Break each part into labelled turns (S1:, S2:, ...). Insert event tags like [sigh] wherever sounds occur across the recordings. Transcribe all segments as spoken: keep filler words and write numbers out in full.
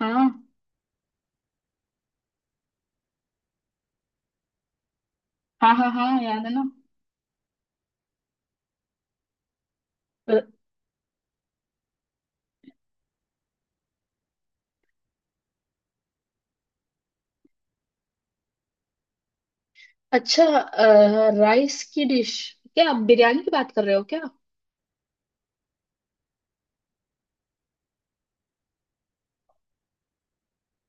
S1: हाँ हाँ हाँ हाँ, याद है ना। अ- अच्छा। राइस की डिश? क्या आप बिरयानी की बात कर रहे हो क्या?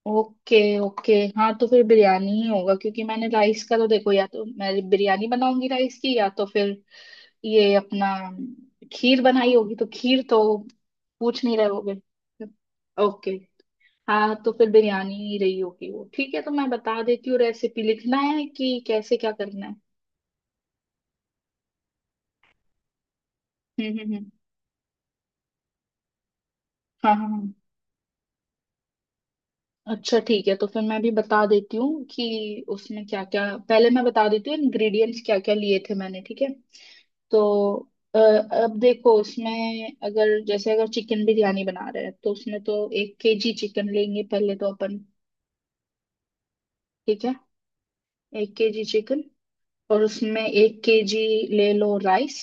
S1: ओके। ओके, हाँ, तो फिर बिरयानी ही होगा, क्योंकि मैंने राइस का तो देखो, या तो मैं बिरयानी बनाऊंगी राइस की, या तो फिर ये अपना खीर बनाई होगी, तो खीर तो पूछ नहीं रहे होगे। ओके। हाँ, तो फिर बिरयानी ही रही होगी वो, ठीक है, तो मैं बता देती हूँ रेसिपी, लिखना है कि कैसे क्या करना है। हम्म हम्म हम्म। हाँ हाँ हाँ। अच्छा ठीक है, तो फिर मैं भी बता देती हूँ कि उसमें क्या क्या। पहले मैं बता देती हूँ इंग्रेडिएंट्स क्या क्या लिए थे मैंने, ठीक है? तो अ, अब देखो उसमें अगर जैसे अगर चिकन बिरयानी बना रहे हैं, तो उसमें तो एक केजी चिकन लेंगे पहले तो अपन। ठीक है। एक केजी चिकन, और उसमें एक केजी ले लो राइस।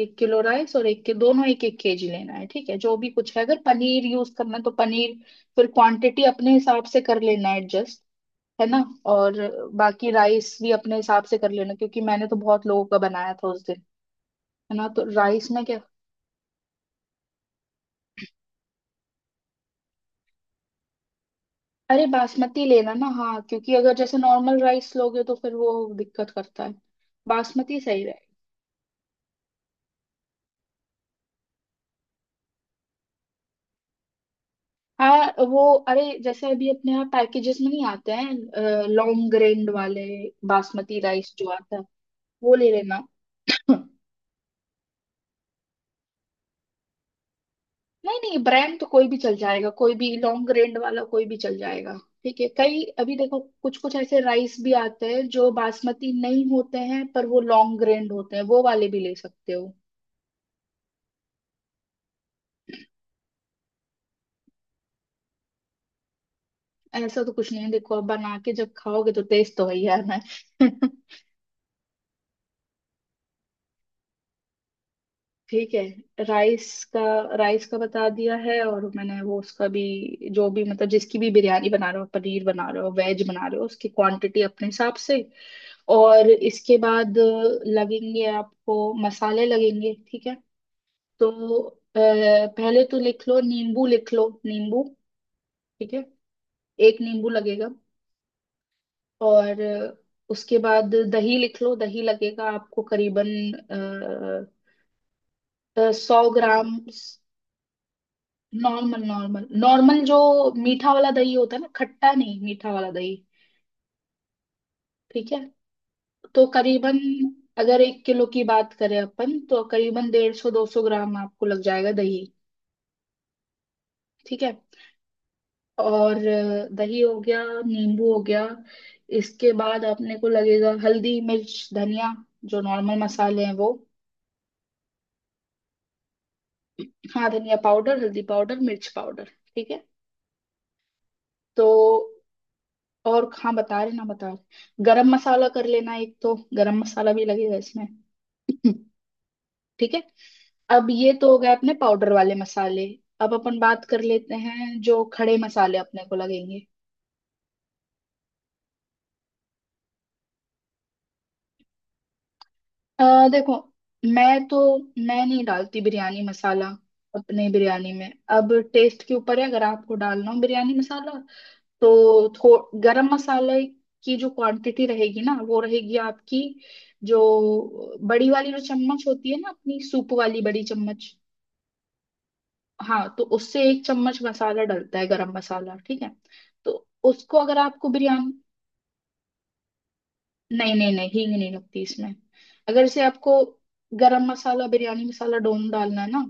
S1: एक किलो राइस और एक के दोनों एक एक केजी लेना है, ठीक है। जो भी कुछ है, अगर पनीर यूज करना है तो पनीर, फिर क्वांटिटी अपने हिसाब से कर लेना है एडजस्ट, है ना। और बाकी राइस भी अपने हिसाब से कर लेना, क्योंकि मैंने तो बहुत लोगों का बनाया था उस दिन। है ना, तो राइस में क्या। अरे बासमती लेना ना, हाँ, क्योंकि अगर जैसे नॉर्मल राइस लोगे तो फिर वो दिक्कत करता है, बासमती सही रहेगा। हाँ वो, अरे जैसे अभी अपने यहाँ पैकेजेस में नहीं आते हैं लॉन्ग ग्रेन्ड वाले, बासमती राइस जो आता है वो ले लेना। नहीं नहीं, ब्रांड तो कोई भी चल जाएगा, कोई भी लॉन्ग रेंज वाला कोई भी चल जाएगा। ठीक है, कई अभी देखो कुछ कुछ ऐसे राइस भी आते हैं जो बासमती नहीं होते हैं पर वो लॉन्ग रेंज होते हैं, वो वाले भी ले सकते हो। ऐसा तो कुछ नहीं है, देखो अब बना के जब खाओगे तो टेस्ट तो वही आना है। [laughs] ही यार मैं। [laughs] ठीक है, राइस का राइस का बता दिया है। और मैंने वो उसका भी, जो भी मतलब जिसकी भी बिरयानी बना रहे हो, पनीर बना रहे हो, वेज बना रहे हो, उसकी क्वांटिटी अपने हिसाब से। और इसके बाद लगेंगे आपको मसाले लगेंगे, ठीक है। तो अ, पहले तो लिख लो नींबू, लिख लो नींबू, ठीक है, एक नींबू लगेगा। और उसके बाद दही लिख लो, दही लगेगा आपको करीबन सौ ग्राम। नॉर्मल नॉर्मल नॉर्मल, जो मीठा वाला दही होता है ना, खट्टा नहीं, मीठा वाला दही, ठीक है। तो करीबन, अगर एक किलो की बात करें अपन, तो करीबन डेढ़ सौ दो सौ ग्राम आपको लग जाएगा दही, ठीक है। और अ, दही हो गया, नींबू हो गया, इसके बाद अपने को लगेगा हल्दी मिर्च धनिया, जो नॉर्मल मसाले हैं वो। हाँ, धनिया पाउडर हल्दी पाउडर मिर्च पाउडर, ठीक है। तो और हाँ बता रहे ना बता रहे गरम मसाला कर लेना, एक तो गरम मसाला भी लगेगा इसमें। [laughs] [clears throat] ठीक है, अब ये तो हो गए अपने पाउडर वाले मसाले। अब अपन बात कर लेते हैं जो खड़े मसाले अपने को लगेंगे। आ, देखो, मैं तो मैं नहीं डालती बिरयानी मसाला अपने बिरयानी में। अब टेस्ट के ऊपर है, अगर आपको डालना हो बिरयानी मसाला, तो थो गरम मसाले की जो क्वांटिटी रहेगी ना, वो रहेगी आपकी जो बड़ी वाली जो चम्मच होती है ना, अपनी सूप वाली बड़ी चम्मच। हाँ, तो उससे एक चम्मच मसाला डलता है गरम मसाला, ठीक है। तो उसको अगर आपको बिरयानी, नहीं नहीं नहीं, हींग नहीं लगती इसमें। अगर इसे आपको गरम मसाला बिरयानी मसाला डोम डालना है ना,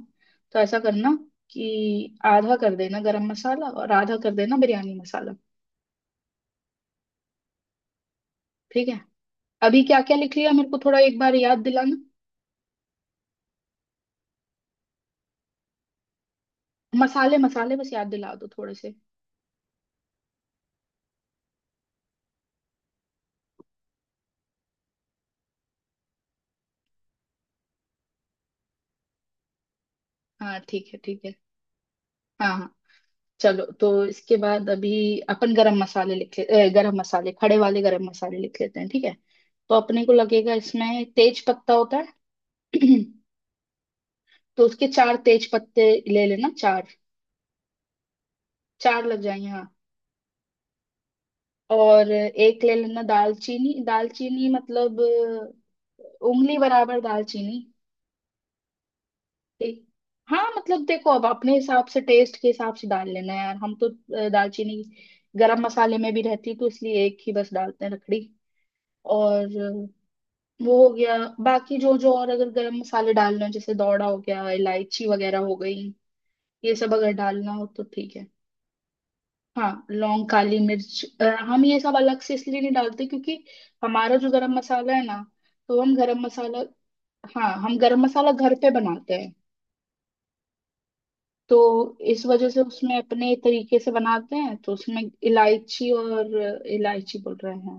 S1: तो ऐसा करना कि आधा कर देना गरम मसाला और आधा कर देना बिरयानी मसाला, ठीक है। अभी क्या क्या लिख लिया मेरे को थोड़ा एक बार याद दिलाना। मसाले मसाले बस याद दिला दो थोड़े से। हाँ ठीक है ठीक है। हाँ हाँ। चलो, तो इसके बाद अभी अपन गरम मसाले लिख ले। ए, गरम मसाले, खड़े वाले गरम मसाले लिख लेते हैं, ठीक है। तो अपने को लगेगा इसमें तेज पत्ता होता है। [clears throat] तो उसके चार तेज पत्ते ले लेना, चार। चार लग जाएंगे हाँ। और एक ले लेना दालचीनी, दालचीनी मतलब अ, उंगली बराबर दालचीनी। ठीक, हाँ मतलब देखो, अब अपने हिसाब से टेस्ट के हिसाब से डाल लेना यार, हम तो अ, दालचीनी गरम मसाले में भी रहती, तो इसलिए एक ही बस डालते हैं लकड़ी। और अ, वो हो गया। बाकी जो जो और अगर गरम मसाले डालना हो, जैसे दौड़ा हो गया, इलायची वगैरह हो गई, ये सब अगर डालना हो तो ठीक है। हाँ, लौंग काली मिर्च, अ, हम ये सब अलग से इसलिए नहीं डालते क्योंकि हमारा जो गरम मसाला है ना, तो हम गरम मसाला, हाँ, हम गरम मसाला घर पे बनाते हैं। तो इस वजह से उसमें अपने तरीके से बनाते हैं, तो उसमें इलायची और, इलायची बोल रहे हैं,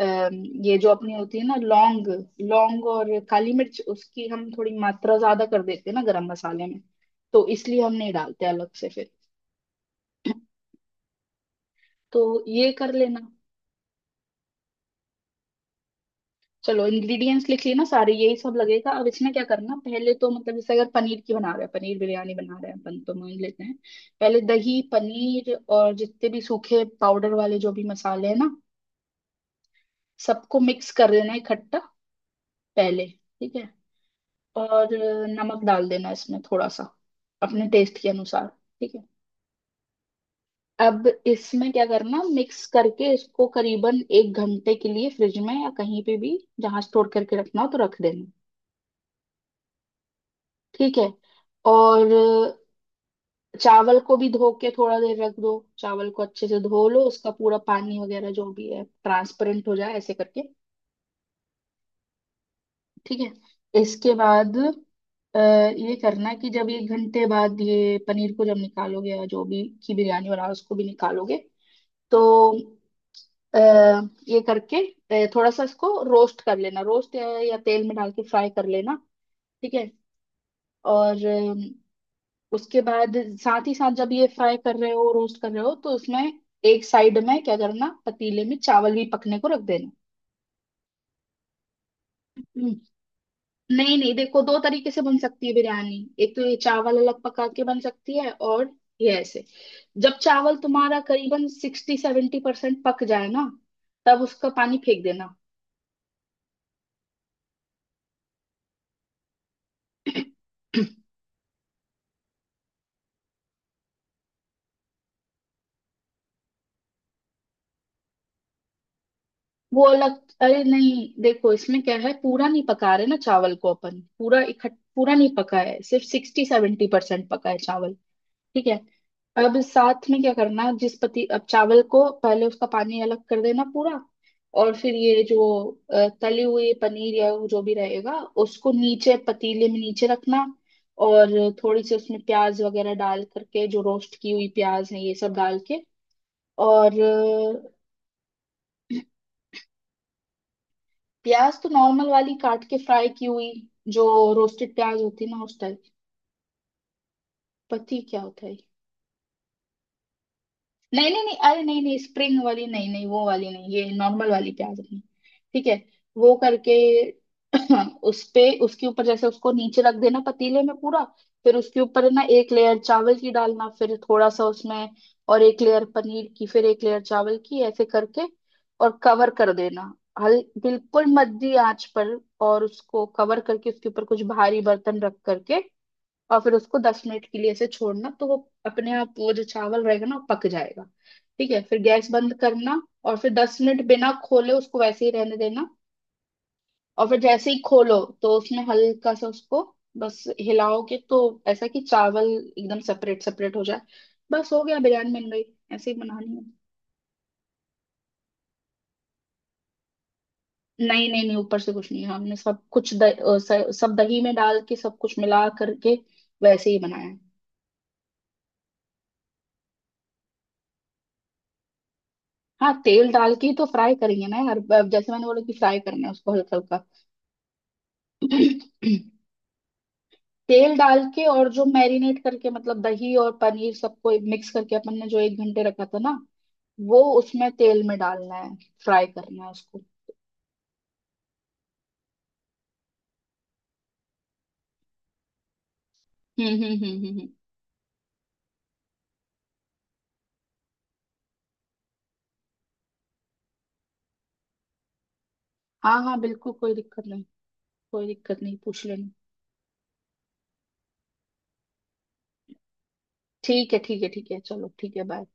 S1: अम, ये जो अपनी होती है ना, लौंग, लौंग और काली मिर्च, उसकी हम थोड़ी मात्रा ज्यादा कर देते हैं ना गरम मसाले में। तो इसलिए हम नहीं डालते अलग से फिर। [clears throat] तो ये कर लेना। चलो, इंग्रेडिएंट्स लिख लिए ना सारे, यही सब लगेगा। अब इसमें क्या करना, पहले तो मतलब जैसे अगर पनीर की बना रहे हैं, पनीर बिरयानी बना रहे हैं अपन तो मान लेते हैं। पहले दही पनीर और जितने भी सूखे पाउडर वाले जो भी मसाले हैं ना, सबको मिक्स कर देना है इकट्ठा पहले, ठीक है। और नमक डाल देना इसमें थोड़ा सा, अपने टेस्ट के अनुसार, ठीक है। अब इसमें क्या करना, मिक्स करके इसको करीबन एक घंटे के लिए फ्रिज में या कहीं पे भी, जहां स्टोर करके रखना हो तो रख देना, ठीक है। और चावल को भी धो के थोड़ा देर रख दो, चावल को अच्छे से धो लो, उसका पूरा पानी वगैरह जो भी है ट्रांसपेरेंट हो जाए ऐसे करके, ठीक है। इसके बाद अ, ये करना कि जब एक घंटे बाद ये पनीर को जब निकालोगे, या जो भी की बिरयानी बनाओ उसको भी निकालोगे, तो आ, ये करके अ, थोड़ा सा इसको रोस्ट कर लेना, रोस्ट या, या तेल में डाल के फ्राई कर लेना, ठीक है। और उसके बाद साथ ही साथ जब ये फ्राई कर रहे हो रोस्ट कर रहे हो, तो उसमें एक साइड में क्या करना, पतीले में चावल भी पकने को रख देना। हम्म, नहीं नहीं, देखो, दो तरीके से बन सकती है बिरयानी, एक तो ये चावल अलग पका के बन सकती है, और ये ऐसे जब चावल तुम्हारा करीबन सिक्सटी सेवेंटी परसेंट पक जाए ना, तब उसका पानी फेंक देना। [clears throat] वो अलग, अरे नहीं, देखो इसमें क्या है, पूरा नहीं पका रहे ना चावल को अपन पूरा इकट्ठा, पूरा नहीं पका है, सिर्फ सिक्सटी सेवेंटी परसेंट पका है चावल, ठीक है। अब साथ में क्या करना, जिस पति, अब चावल को पहले उसका पानी अलग कर देना पूरा, और फिर ये जो अ, तली हुई पनीर या वो जो भी रहेगा, उसको नीचे पतीले में नीचे रखना, और थोड़ी सी उसमें प्याज वगैरह डाल करके, जो रोस्ट की हुई प्याज है ये सब डाल के, और अ, प्याज तो नॉर्मल वाली काट के फ्राई की हुई, जो रोस्टेड प्याज होती है ना, उस टाइप। पति क्या होता है? नहीं नहीं नहीं, अरे नहीं नहीं, स्प्रिंग वाली नहीं, नहीं वो वाली नहीं, ये नॉर्मल वाली प्याज अपनी, ठीक है। वो करके [coughs] [clears throat] उस पे उसके ऊपर जैसे उसको नीचे रख देना पतीले में पूरा, फिर उसके ऊपर है ना एक लेयर चावल की डालना, फिर थोड़ा सा उसमें, और एक लेयर पनीर की, फिर एक लेयर चावल की, ऐसे करके और कवर कर देना, हल बिल्कुल मध्य आंच पर, और उसको कवर करके उसके ऊपर कुछ भारी बर्तन रख करके, और फिर उसको दस मिनट के लिए ऐसे छोड़ना, तो वो अपने आप वो जो चावल रहेगा ना, वो पक जाएगा, ठीक है। फिर गैस बंद करना, और फिर दस मिनट बिना खोले उसको वैसे ही रहने देना, और फिर जैसे ही खोलो तो उसमें हल्का सा उसको बस हिलाओगे, तो ऐसा कि चावल एकदम सेपरेट सेपरेट हो जाए, बस हो गया, बिरयानी बन गई, ऐसे ही बनानी है। नहीं नहीं नहीं, ऊपर से कुछ नहीं, हमने सब कुछ द, अ, स- सब दही में डाल के सब कुछ मिला करके वैसे ही बनाया है। हाँ, तेल डाल के ही तो फ्राई करेंगे ना यार, अब जैसे मैंने बोला कि फ्राई करना है उसको हल्का हल्का। [clears throat] तेल डाल के, और जो मैरिनेट करके मतलब दही और पनीर सबको मिक्स करके अपन ने जो एक घंटे रखा था ना, वो उसमें तेल में डालना है, फ्राई करना है उसको। हम्म हम्म हम्म हम्म हम्म। हाँ हाँ बिल्कुल, कोई दिक्कत नहीं, कोई दिक्कत नहीं पूछ लेना। ठीक है ठीक है ठीक है, चलो ठीक है, बाय।